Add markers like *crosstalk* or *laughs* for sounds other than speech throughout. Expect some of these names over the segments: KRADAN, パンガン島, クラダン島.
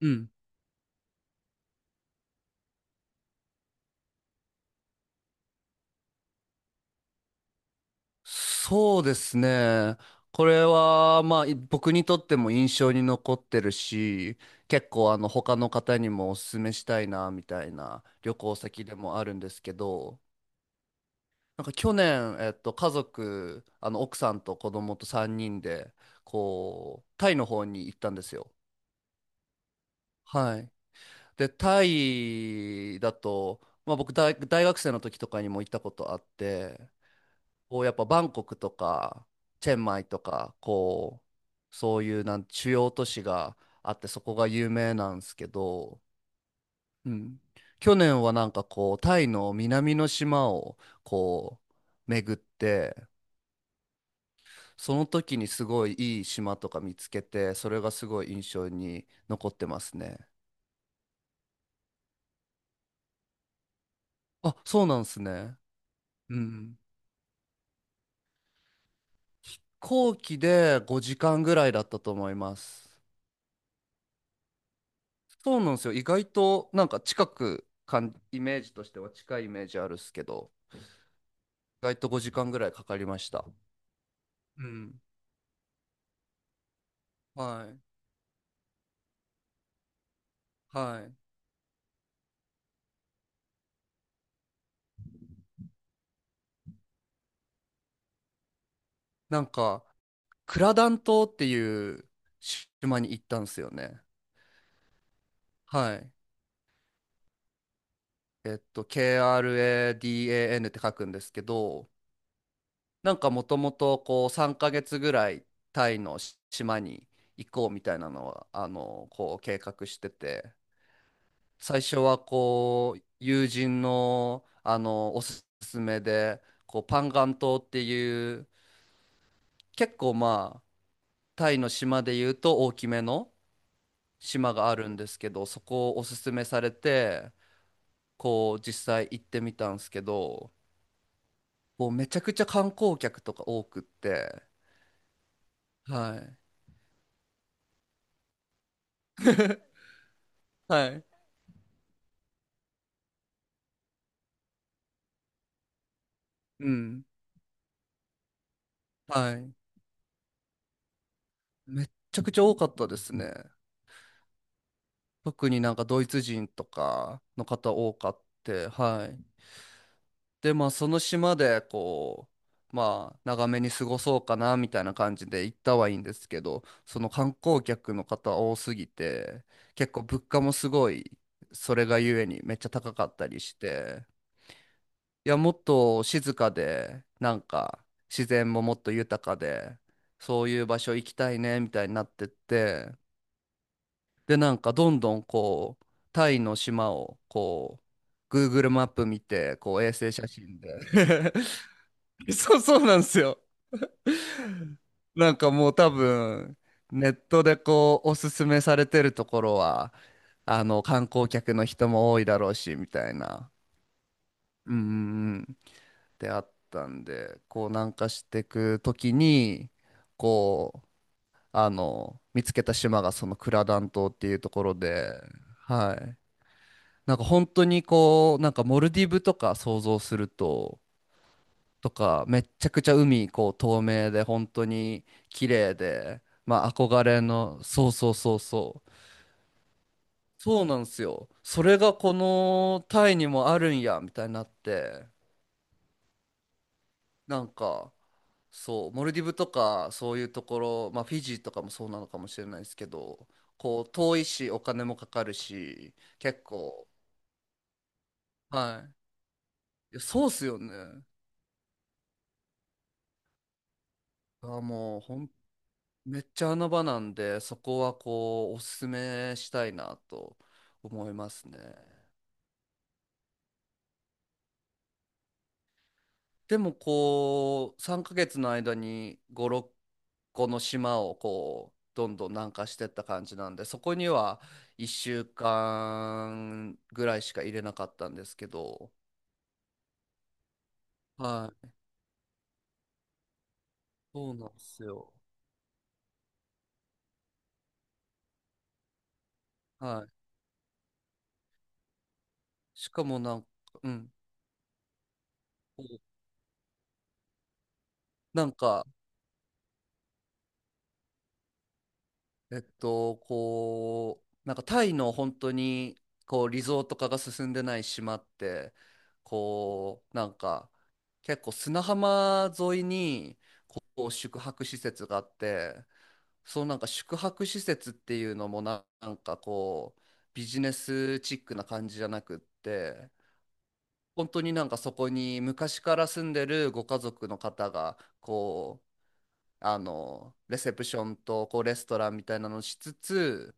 うん。そうですね。これは、まあ、僕にとっても印象に残ってるし、結構、他の方にもお勧めしたいな、みたいな旅行先でもあるんですけど、なんか去年、家族、奥さんと子供と3人で、こう、タイの方に行ったんですよ。はい。で、タイだと、まあ、大学生の時とかにも行ったことあって、こうやっぱバンコクとかチェンマイとか、こうそういう主要都市があってそこが有名なんですけど、うん、去年はなんかこうタイの南の島をこう巡って、その時にすごいいい島とか見つけて、それがすごい印象に残ってますね。あ、そうなんですね。うん。飛行機で5時間ぐらいだったと思います。そうなんですよ。意外となんか近くかん、イメージとしては近いイメージあるっすけど、意外と5時間ぐらいかかりました。うん。はい。はい。なんか、クラダン島っていう島に行ったんですよね。はい。KRADAN って書くんですけど、なんかもともとこう3ヶ月ぐらいタイの島に行こうみたいなのは、こう計画してて、最初はこう友人の、おすすめでこうパンガン島っていう、結構まあタイの島でいうと大きめの島があるんですけど、そこをおすすめされてこう実際行ってみたんですけど、もうめちゃくちゃ観光客とか多くって。はい、はい、うん、はい。めっちゃくちゃ多かったですね。特になんかドイツ人とかの方多かって、はい。で、まあ、その島で、こう、まあ、長めに過ごそうかな、みたいな感じで行ったはいいんですけど、その観光客の方多すぎて、結構物価もすごい、それがゆえにめっちゃ高かったりして、いや、もっと静かで、なんか、自然ももっと豊かで、そういう場所行きたいね、みたいになってって、で、なんか、どんどん、こう、タイの島を、こう、Google マップ見て、こう、衛星写真で、 *laughs* *laughs* そう、*laughs* そうなんですよ。なんかもう多分、ネットでこう、おすすめされてるところは、観光客の人も多いだろうし、みたいな、うんうんうん、であったんで、こう、南下していくときに、こう、見つけた島がそのクラダン島っていうところで、はい。なんか本当にこう、なんかモルディブとか想像すると、とか、めっちゃくちゃ海、こう、透明で、本当に綺麗で、まあ、憧れの、そうそうそうそう。そうなんですよ。それがこのタイにもあるんや、みたいになって、なんか、そう、モルディブとか、そういうところ、まあ、フィジーとかもそうなのかもしれないですけど、こう、遠いし、お金もかかるし、結構、はい。いやそうっすよね。あ、もう、めっちゃ穴場なんで、そこはこう、おすすめしたいなと思いますね。でもこう、3ヶ月の間に5、6個の島をこう、どんどん南下してった感じなんで、そこには1週間ぐらいしか入れなかったんですけど、はい、そうなんですよ。はい。しかもなんか、うん。なんか、こう、なんかタイの本当に、こう、リゾート化が進んでない島って、こう、なんか、結構砂浜沿いに、こう、宿泊施設があって、その宿泊施設っていうのもなんかこう、ビジネスチックな感じじゃなくって、本当になんかそこに昔から住んでるご家族の方が、こう、レセプションとこうレストランみたいなのをしつつ、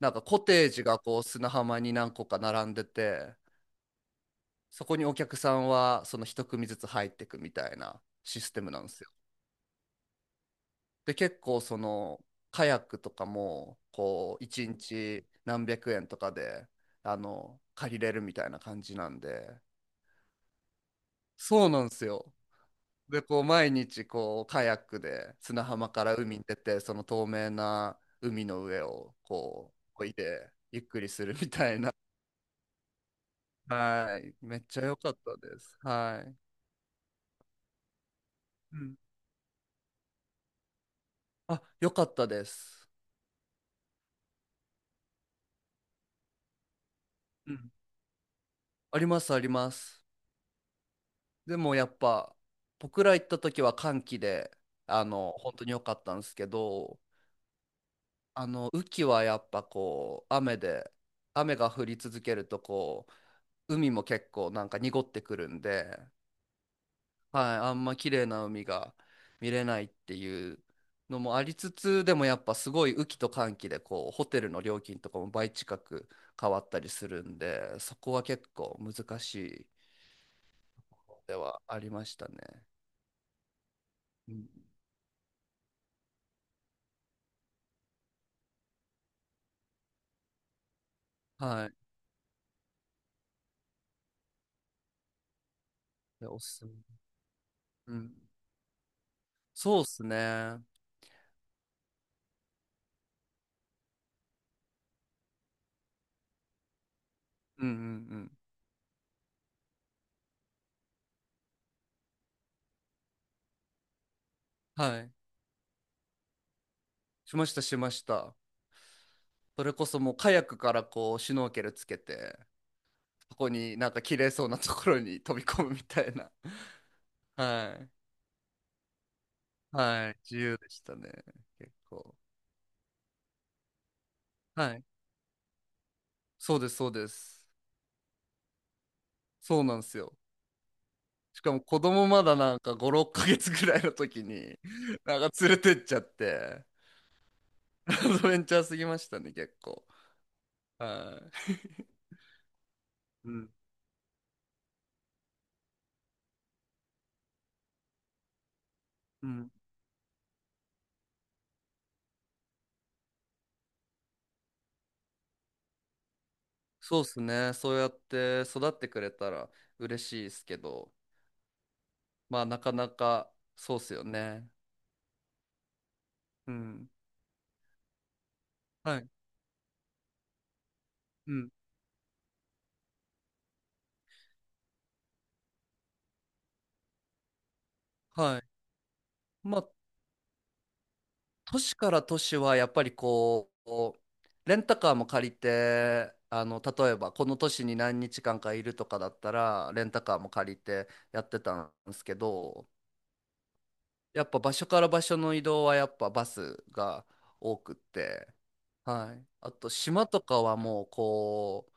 なんかコテージがこう砂浜に何個か並んでて、そこにお客さんはその一組ずつ入ってくみたいなシステムなんですよ。で結構そのカヤックとかもこう1日何百円とかで借りれるみたいな感じなんで、そうなんですよ。でこう毎日こうカヤックで砂浜から海に出て、その透明な海の上をこうこいでゆっくりするみたいな。はい。めっちゃ良かったです。はい。うん、あ、良かったです。うん。ありますあります。でもやっぱ僕ら行った時は寒気で、本当に良かったんですけど、雨季はやっぱこう雨で、雨が降り続けるとこう海も結構なんか濁ってくるんで、はい、あんま綺麗な海が見れないっていうのもありつつ、でもやっぱすごい雨季と乾季でこうホテルの料金とかも倍近く変わったりするんで、そこは結構難しいではありましたね。うん、はい。でおすすめ。うん。そうっすね。うんうんうん。はい。しましたしました。それこそもうカヤックからこうシュノーケルつけて、そこになんか綺麗そうなところに飛び込むみたいな。*laughs* はい。はい。自由でしたね。結構。はい。そうです、そうです。そうなんですよ。しかも子供まだなんか5、6ヶ月ぐらいの時に、なんか連れてっちゃって、*laughs* アドベンチャーすぎましたね、結構。はい。うん。うん。そうですね。そうやって育ってくれたら嬉しいですけど、まあなかなかそうっすよね。うん。はい。うん。はい。まあ都市から都市はやっぱりこうレンタカーも借りて、例えばこの都市に何日間かいるとかだったらレンタカーも借りてやってたんですけど、やっぱ場所から場所の移動はやっぱバスが多くって、はい、あと島とかはもうこう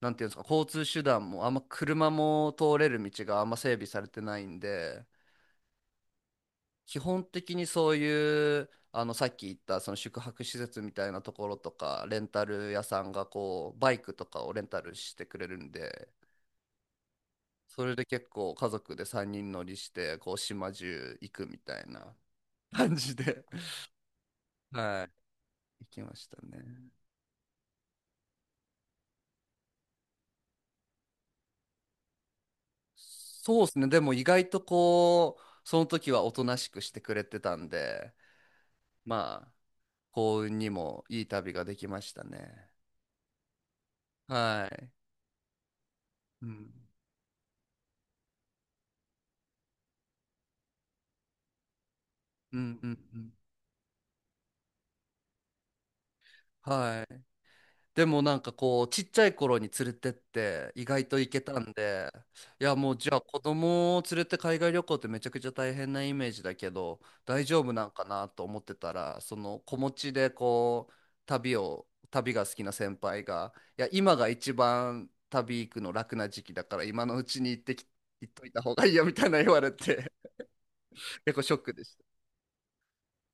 なんていうんですか、交通手段もあんま車も通れる道があんま整備されてないんで、基本的にそういうさっき言ったその宿泊施設みたいなところとかレンタル屋さんがこうバイクとかをレンタルしてくれるんで、それで結構家族で3人乗りしてこう島中行くみたいな *laughs* 感じで *laughs* はい、行きましたね。そうですね、でも意外とこうその時はおとなしくしてくれてたんで、まあ幸運にもいい旅ができましたね。はい。うんうんうんうん、はい。でもなんかこうちっちゃい頃に連れてって意外と行けたんで、いやもうじゃあ子供を連れて海外旅行ってめちゃくちゃ大変なイメージだけど大丈夫なんかなと思ってたら、その子持ちでこう旅が好きな先輩が、いや今が一番旅行くの楽な時期だから今のうちに行っといた方がいいよみたいな言われて、 *laughs* 結構ショックでした。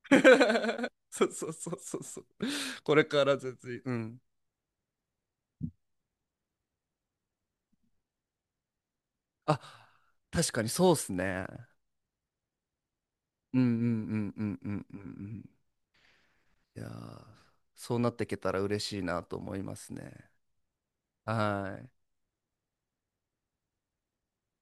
*laughs* そうそうそうそうそう。これから全然。うん、あ、確かにそうっすね。うんうんうんうんうんうんうん。いやー、そうなっていけたら嬉しいなと思いますね。はい。